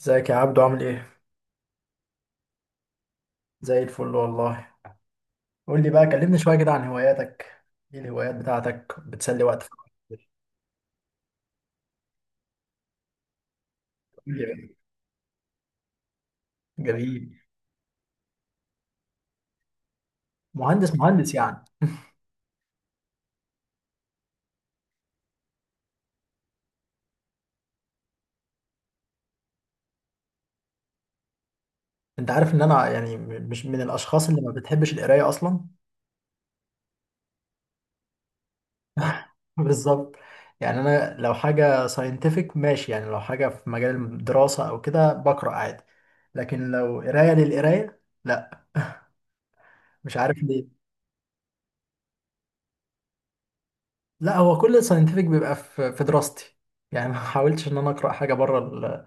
ازيك يا عبدو؟ عامل ايه؟ زي الفل والله. قول لي بقى، كلمني شوية كده عن هواياتك. ايه الهوايات بتاعتك بتسلي وقت فراغك؟ جميل. جميل. مهندس مهندس يعني. انت عارف ان انا يعني مش من الاشخاص اللي ما بتحبش القراية اصلا. بالظبط. يعني انا لو حاجة ساينتفك ماشي، يعني لو حاجة في مجال الدراسة او كده بقرأ عادي، لكن لو قراية للقراية لا. مش عارف ليه. لا، هو كل الساينتفك بيبقى في دراستي، يعني ما حاولتش ان انا اقرأ حاجة بره ال-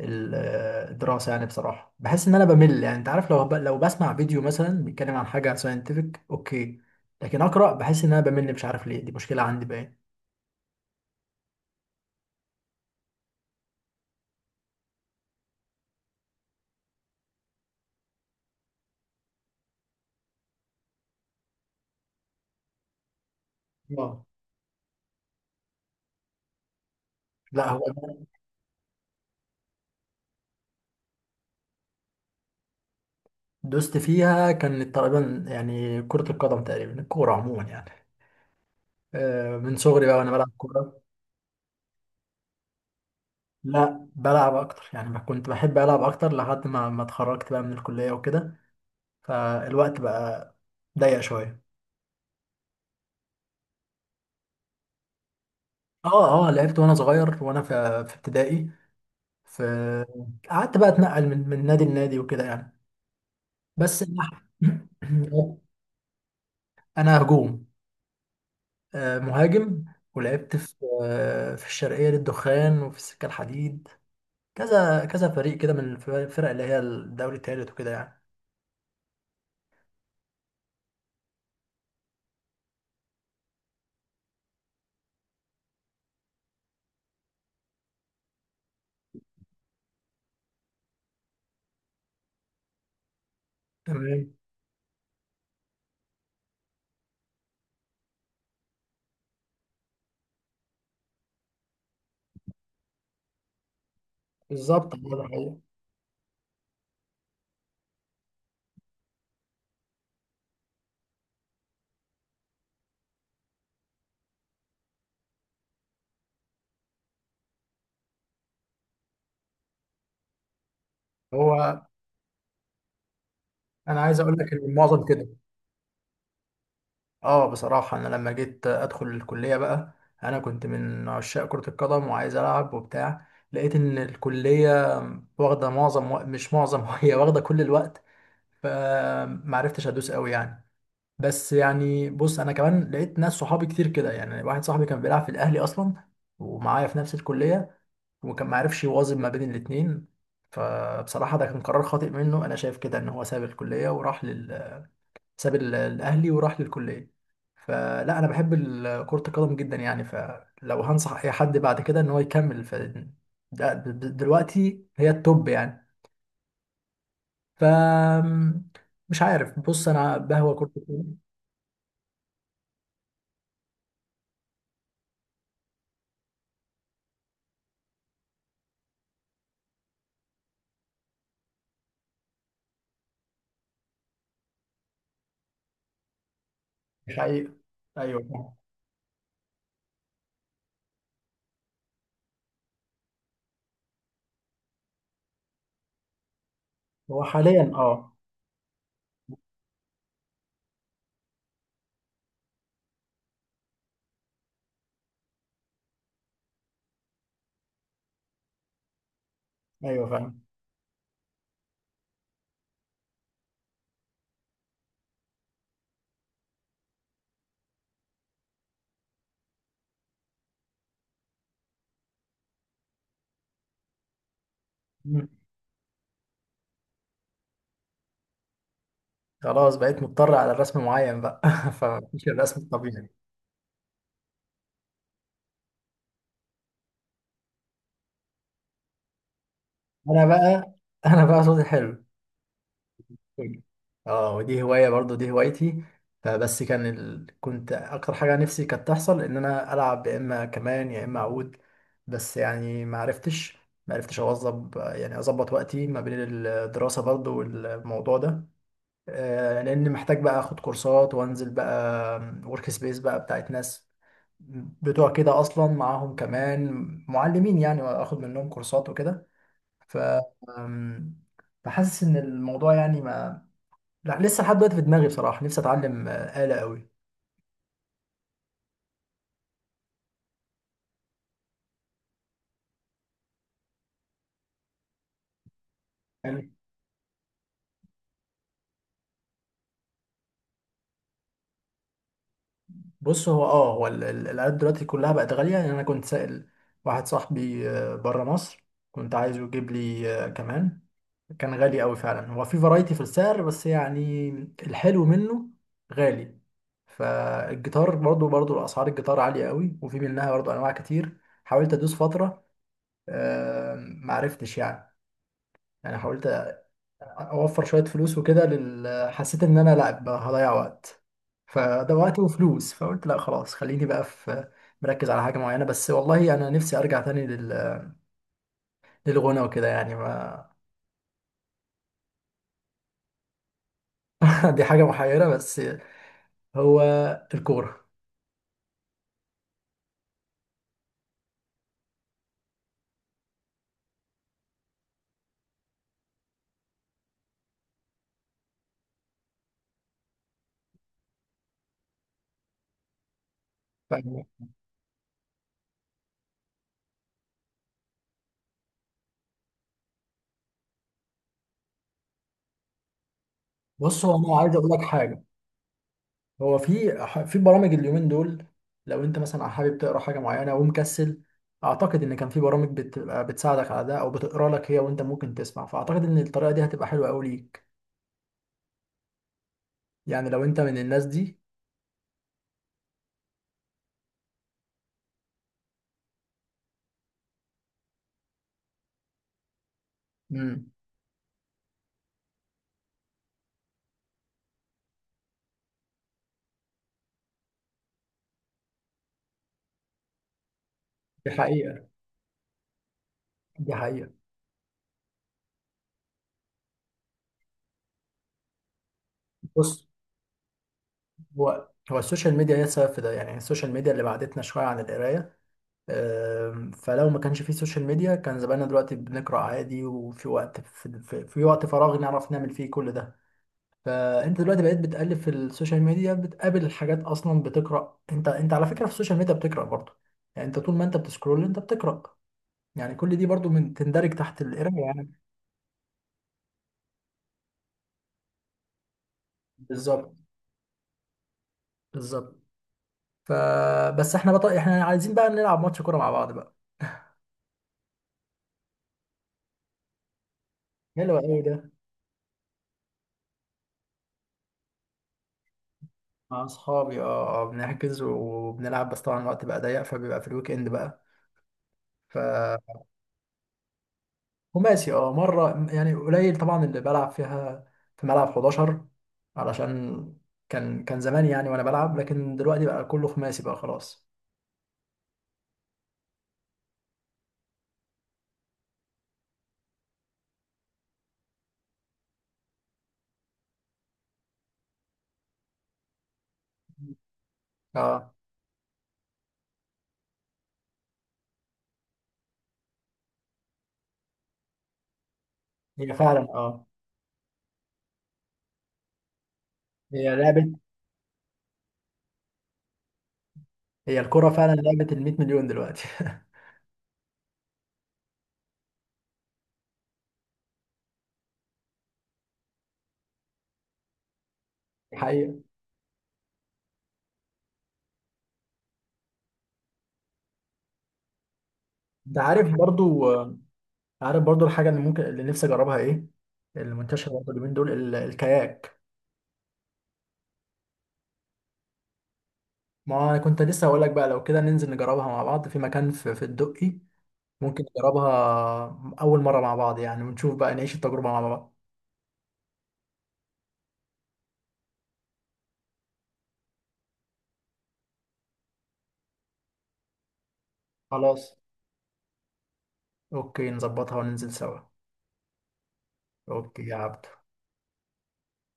الدراسة. يعني بصراحة بحس إن أنا بمل، يعني أنت عارف، لو لو بسمع فيديو مثلا بيتكلم عن حاجة ساينتفك أوكي، لكن أقرأ بحس إن أنا بمل. مش عارف ليه، دي مشكلة عندي باين. اه، لا هو. دوست فيها كانت تقريبا يعني كرة القدم، تقريبا الكورة عموما يعني. من صغري بقى وأنا بلعب كورة. لا بلعب أكتر، يعني ما كنت بحب ألعب أكتر لحد ما اتخرجت بقى من الكلية وكده، فالوقت بقى ضيق شوية. اه، اه لعبت وانا صغير، وانا في في ابتدائي، فقعدت بقى اتنقل من نادي لنادي وكده يعني. بس انا هجوم. مهاجم. ولعبت في في الشرقية للدخان وفي السكة الحديد، كذا كذا فريق كده، من الفرق اللي هي الدوري الثالث وكده يعني. تمام. بالظبط، هو ده الحقيقة. هو انا عايز اقول لك ان المعظم كده. اه بصراحة، أنا لما جيت أدخل الكلية بقى، أنا كنت من عشاق كرة القدم وعايز ألعب وبتاع، لقيت إن الكلية واخدة معظم مش معظم، هي واخدة كل الوقت، فمعرفتش أدوس أوي يعني. بس يعني بص، أنا كمان لقيت ناس صحابي كتير كده، يعني واحد صاحبي كان بيلعب في الأهلي أصلا ومعايا في نفس الكلية، وكان معرفش يوازن ما بين الاتنين. فبصراحة ده كان قرار خاطئ منه أنا شايف كده، إن هو ساب الكلية وراح لل، ساب الأهلي وراح للكلية. فلا انا بحب كرة القدم جدا يعني، فلو هنصح اي حد بعد كده ان هو يكمل، ف دلوقتي هي التوب يعني، ف مش عارف. بص انا بهوى كرة القدم. مش حقيقة. ايوه فاهم. هو حاليا اه. ايوه فاهم. مم. خلاص بقيت مضطر على الرسم معين بقى، فمش الرسم الطبيعي. انا بقى، انا بقى صوتي حلو. اه ودي هواية برضو، دي هوايتي. فبس كان كنت اكتر حاجة نفسي كانت تحصل ان انا العب يا اما كمان يا اما عود. بس يعني ما عرفتش، ما عرفتش اوظب، يعني اظبط وقتي ما بين الدراسة برضو والموضوع ده. لان محتاج بقى اخد كورسات وانزل بقى ورك سبيس بقى بتاعت ناس بتوع كده، اصلا معاهم كمان معلمين يعني، واخد منهم كورسات وكده ف آم، فحاسس ان الموضوع يعني ما، لا لسه لحد دلوقتي في دماغي بصراحه، نفسي اتعلم آلة قوي. يعني بص، هو اه هو الآلات دلوقتي كلها بقت غاليه يعني. انا كنت سائل واحد صاحبي بره مصر، كنت عايزه يجيب لي كمان، كان غالي قوي فعلا، هو في فرايتي في السعر بس يعني الحلو منه غالي. فالجيتار برضو، برضو اسعار الجيتار عاليه قوي، وفي منها برضو انواع كتير. حاولت ادوس فتره، آه، معرفتش يعني، يعني حاولت اوفر شويه فلوس وكده حسيت ان انا لا بقى هضيع وقت، فده وقت وفلوس، فقلت لا خلاص خليني بقى في، مركز على حاجه معينه بس. والله انا نفسي ارجع تاني لل، للغنى وكده يعني ما. دي حاجه محيره بس. هو الكوره. فاهم؟ بص هو انا عايز اقول لك حاجه، هو في في برامج اليومين دول، لو انت مثلا حابب تقرا حاجه معينه ومكسل، اعتقد ان كان في برامج بتبقى بتساعدك على ده، او بتقرا لك هي وانت ممكن تسمع. فاعتقد ان الطريقه دي هتبقى حلوه قوي ليك، يعني لو انت من الناس دي. امم. دي حقيقة. دي حقيقة. بص، هو هو السوشيال ميديا هي السبب في ده، يعني السوشيال ميديا اللي بعدتنا شوية عن القراية. فلو ما كانش فيه سوشيال ميديا، كان زماننا دلوقتي بنقرأ عادي، وفي وقت، في وقت فراغ نعرف نعمل فيه كل ده. فانت دلوقتي بقيت بتقلب في السوشيال ميديا، بتقابل حاجات اصلا بتقرأ. انت على فكرة في السوشيال ميديا بتقرأ برضه، يعني انت طول ما انت بتسكرول انت بتقرأ، يعني كل دي برضه من تندرج تحت القراية يعني. بالظبط. بالظبط. احنا عايزين بقى نلعب ماتش كورة مع بعض بقى. حلو قوي ده. مع اصحابي اه، بنحجز وبنلعب. بس طبعا الوقت بقى ضيق، فبيبقى في الويك اند بقى ف. خماسي اه، مرة يعني قليل طبعا اللي بلعب فيها في ملعب 11 علشان، كان كان زمان يعني وانا بلعب، لكن دلوقتي بقى كله خماسي بقى خلاص. اه هي فعلا اه، هي لعبة، هي الكرة فعلا لعبة ال 100 مليون دلوقتي. حقيقة. انت عارف برضو عارف برضو الحاجة اللي ممكن اللي نفسي أجربها إيه؟ المنتشرة برضو اليومين دول الكاياك. ما أنا كنت لسه هقول لك بقى، لو كده ننزل نجربها مع بعض، في مكان في الدقي، ممكن نجربها أول مرة مع بعض يعني، ونشوف بقى نعيش التجربة مع بعض. خلاص. أوكي نظبطها وننزل سوا. أوكي يا عبد.